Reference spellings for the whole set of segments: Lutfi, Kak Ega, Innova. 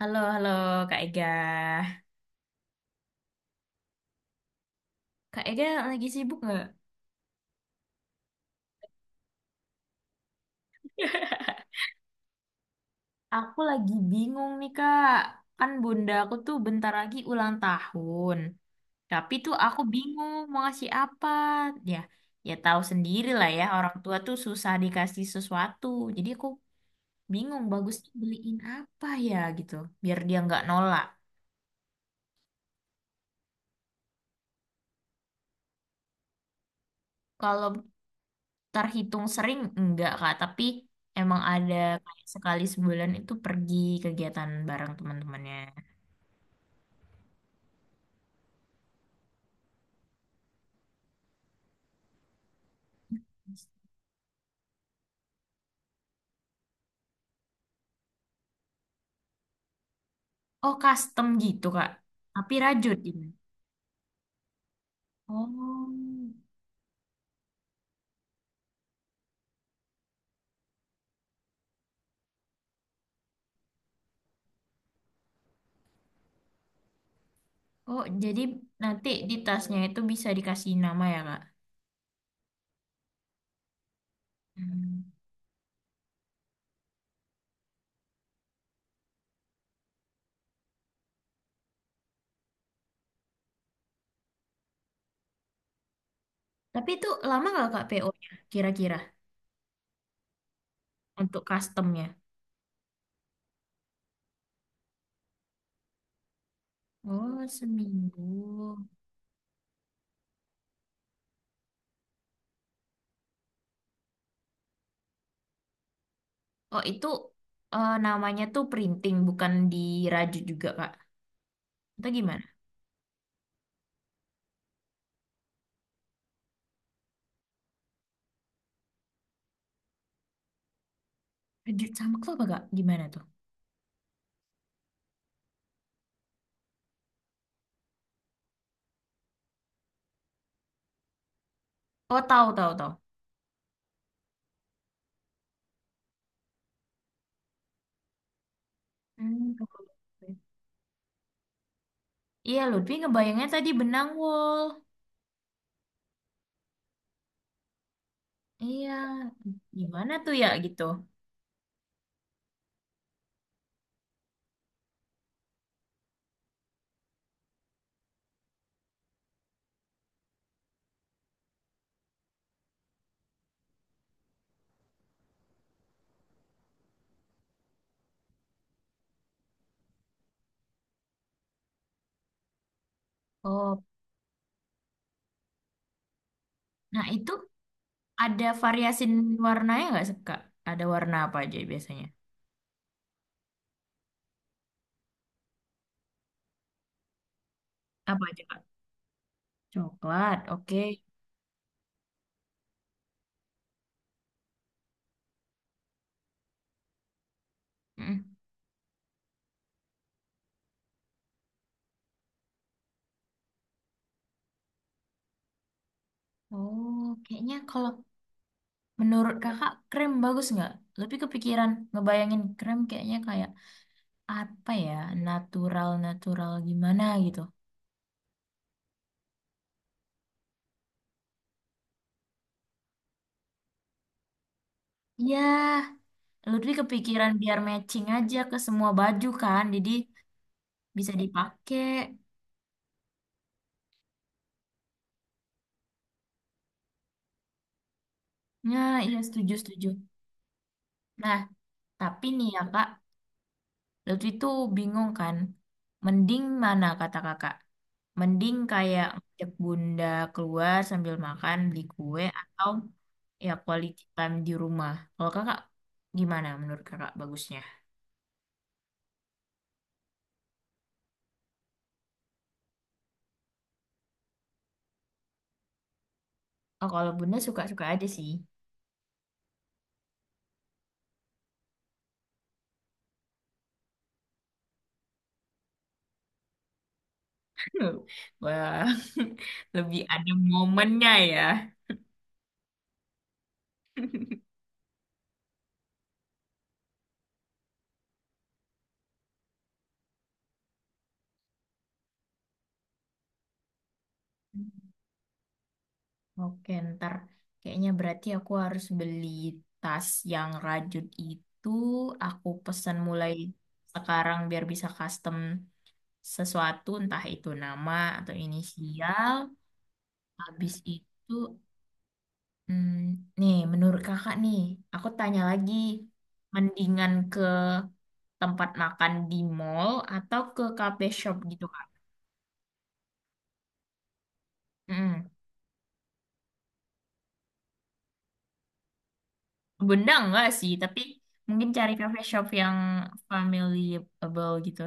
Halo, halo Kak Ega. Kak Ega lagi sibuk nggak? Aku lagi bingung nih Kak. Kan bunda aku tuh bentar lagi ulang tahun. Tapi tuh aku bingung mau ngasih apa. Ya, ya tahu sendiri lah ya. Orang tua tuh susah dikasih sesuatu. Jadi aku bingung bagusnya beliin apa ya gitu. Biar dia nggak nolak. Kalau terhitung sering enggak Kak. Tapi emang ada kayak sekali sebulan itu pergi kegiatan bareng teman-temannya. Oh, custom gitu, Kak. Tapi rajut ini. Oh. Oh, jadi nanti di tasnya itu bisa dikasih nama ya, Kak? Hmm. Tapi itu lama nggak, Kak, PO-nya kira-kira untuk customnya? Oh, seminggu. Oh, itu namanya tuh printing, bukan dirajut juga, Kak. Atau gimana? Rajut sama tuh apa, Kak? Gimana tuh? Oh, tahu, tahu, tahu. Hmm. Iya, Lutfi ngebayangnya tadi benang wol. Iya, gimana tuh ya gitu? Oh, nah, itu ada variasi warnanya nggak sih, Kak? Ada warna apa aja biasanya? Apa aja, Kak? Coklat, oke. Mm. Oh, kayaknya kalau menurut kakak krem bagus nggak? Lebih kepikiran ngebayangin krem kayaknya kayak apa ya, natural-natural gimana gitu. Ya, lebih kepikiran biar matching aja ke semua baju kan, jadi bisa dipakai. Ya, iya setuju-setuju. Nah, tapi nih ya Kak, Lutfi tuh bingung kan, mending mana kata kakak? Mending kayak ngajak bunda keluar sambil makan, beli kue, atau ya quality time di rumah. Kalau kakak gimana menurut kakak bagusnya? Oh, kalau bunda suka-suka aja sih. Wah, lebih ada momennya ya. Oke, ntar kayaknya berarti aku harus beli tas yang rajut itu. Aku pesan mulai sekarang biar bisa custom sesuatu, entah itu nama atau inisial. Habis itu, hmm, nih, menurut kakak nih, aku tanya lagi, mendingan ke tempat makan di mall atau ke cafe shop gitu, Kak? Mm. Benda enggak sih, tapi mungkin cari cafe shop yang familyable gitu.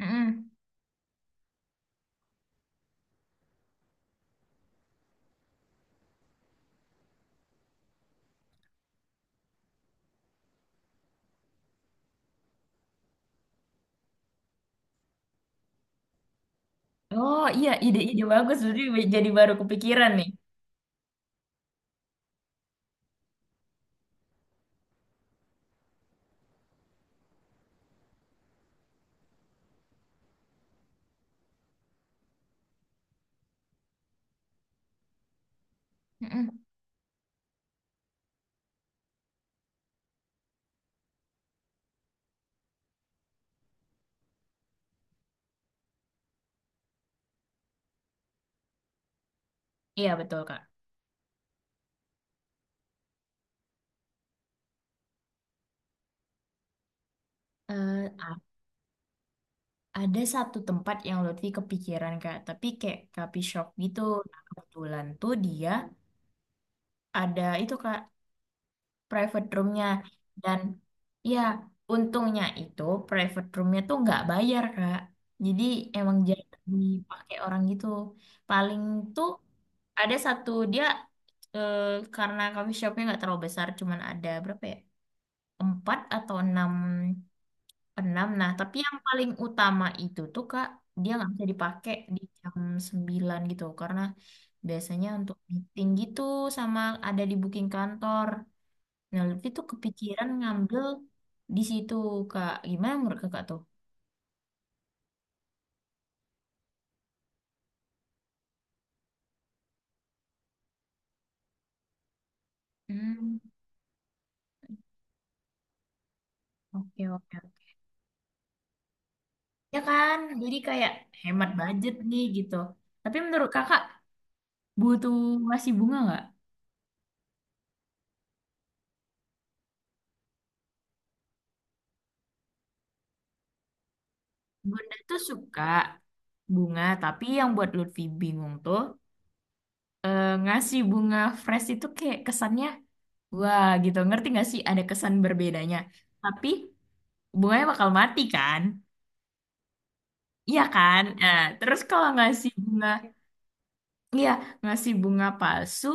Mm-mm. Oh iya, ide-ide bagus. Jadi baru kepikiran nih. Mm-mm. Iya, betul, Kak. Eh, Ada satu tempat yang Lutfi kepikiran Kak, tapi kayak coffee shop gitu. Nah, kebetulan tuh dia ada itu Kak, private roomnya. Dan ya, untungnya itu private roomnya tuh nggak bayar Kak. Jadi emang jarang dipakai orang gitu. Paling tuh ada satu dia eh, karena coffee shopnya nggak terlalu besar, cuman ada berapa ya? Empat atau enam. Enam. Nah, tapi yang paling utama itu tuh Kak, dia nggak bisa dipakai di jam 9 gitu karena biasanya untuk meeting gitu sama ada di booking kantor. Nah, Lutfi tuh kepikiran ngambil di situ Kak. Gimana menurut Kakak tuh? Hmm, oke oke. Ya kan, jadi kayak hemat budget nih gitu. Tapi menurut Kakak butuh masih bunga nggak? Bunda tuh suka bunga, tapi yang buat Lutfi bingung tuh ngasih bunga fresh itu kayak kesannya wah gitu, ngerti nggak sih? Ada kesan berbedanya, tapi bunganya bakal mati kan, iya kan. Nah, terus kalau ngasih bunga, iya, ngasih bunga palsu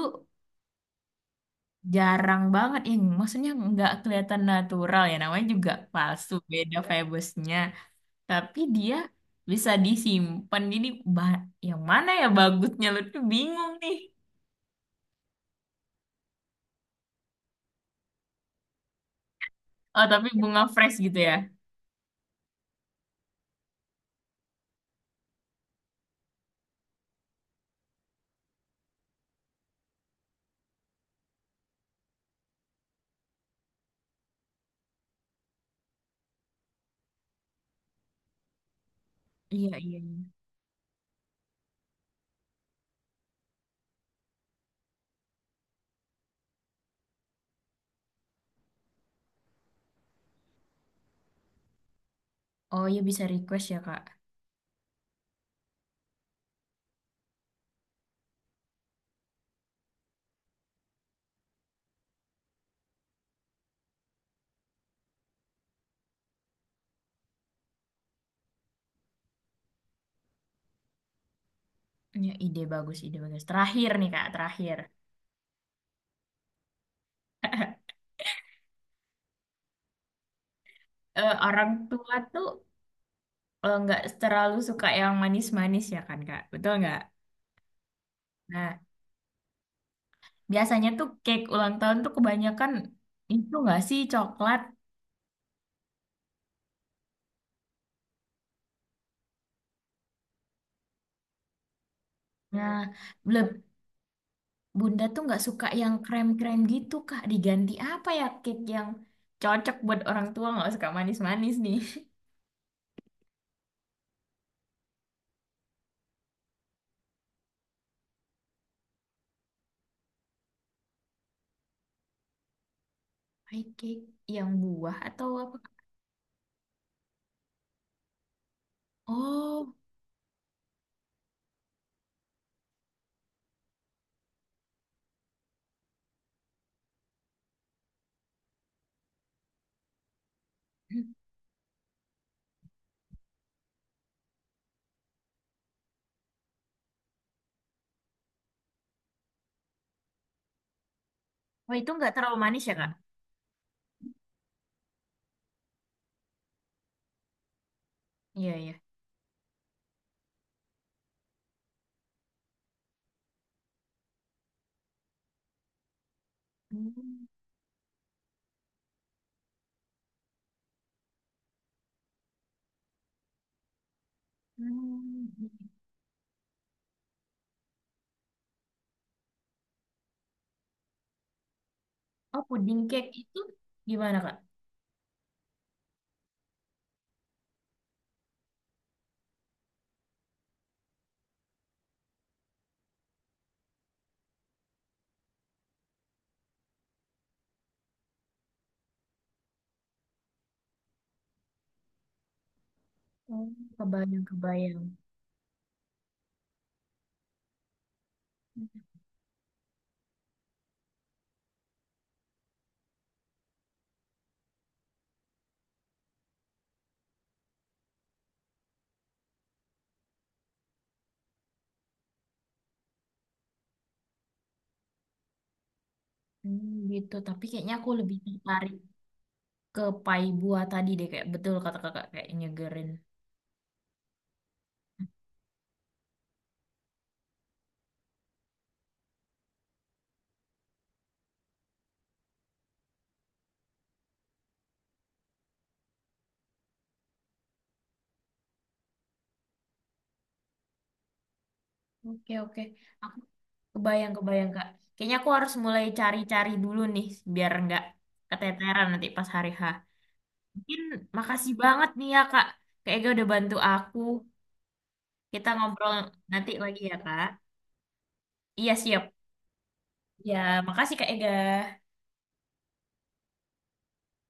jarang banget ya, maksudnya nggak kelihatan natural ya, namanya juga palsu, beda febusnya, tapi dia bisa disimpan. Jadi yang mana ya bagusnya, lu tuh bingung nih. Oh, tapi bunga fresh gitu ya. Iya, iya, iya. Oh iya bisa request ya Kak. Ya, ide bagus, ide bagus. Terakhir nih Kak, terakhir. Orang tua tuh nggak terlalu suka yang manis-manis ya kan Kak, betul nggak? Nah, biasanya tuh cake ulang tahun tuh kebanyakan itu nggak sih coklat. Nah, le- Bunda tuh nggak suka yang krem-krem gitu Kak. Diganti apa ya cake yang cocok buat orang tua nggak suka manis-manis nih? Pie cake yang buah atau apa? Oh, oh itu nggak terlalu manis ya Kak? Iya, iya. Hmm. Oh, pudding cake itu gimana, Kak? Oh, kebayang, kebayang. Hmm, gitu. Tapi kayaknya aku lebih tertarik ke pai buah tadi deh, kayak betul kata kakak, kayak nyegerin. Oke, oke. Aku kebayang, kebayang, Kak. Kayaknya aku harus mulai cari-cari dulu nih, biar nggak keteteran nanti pas hari H. Mungkin makasih banget nih ya, Kak. Kak udah bantu aku. Kita ngobrol nanti lagi ya, Kak. Iya, siap. Ya, makasih Kak Ega.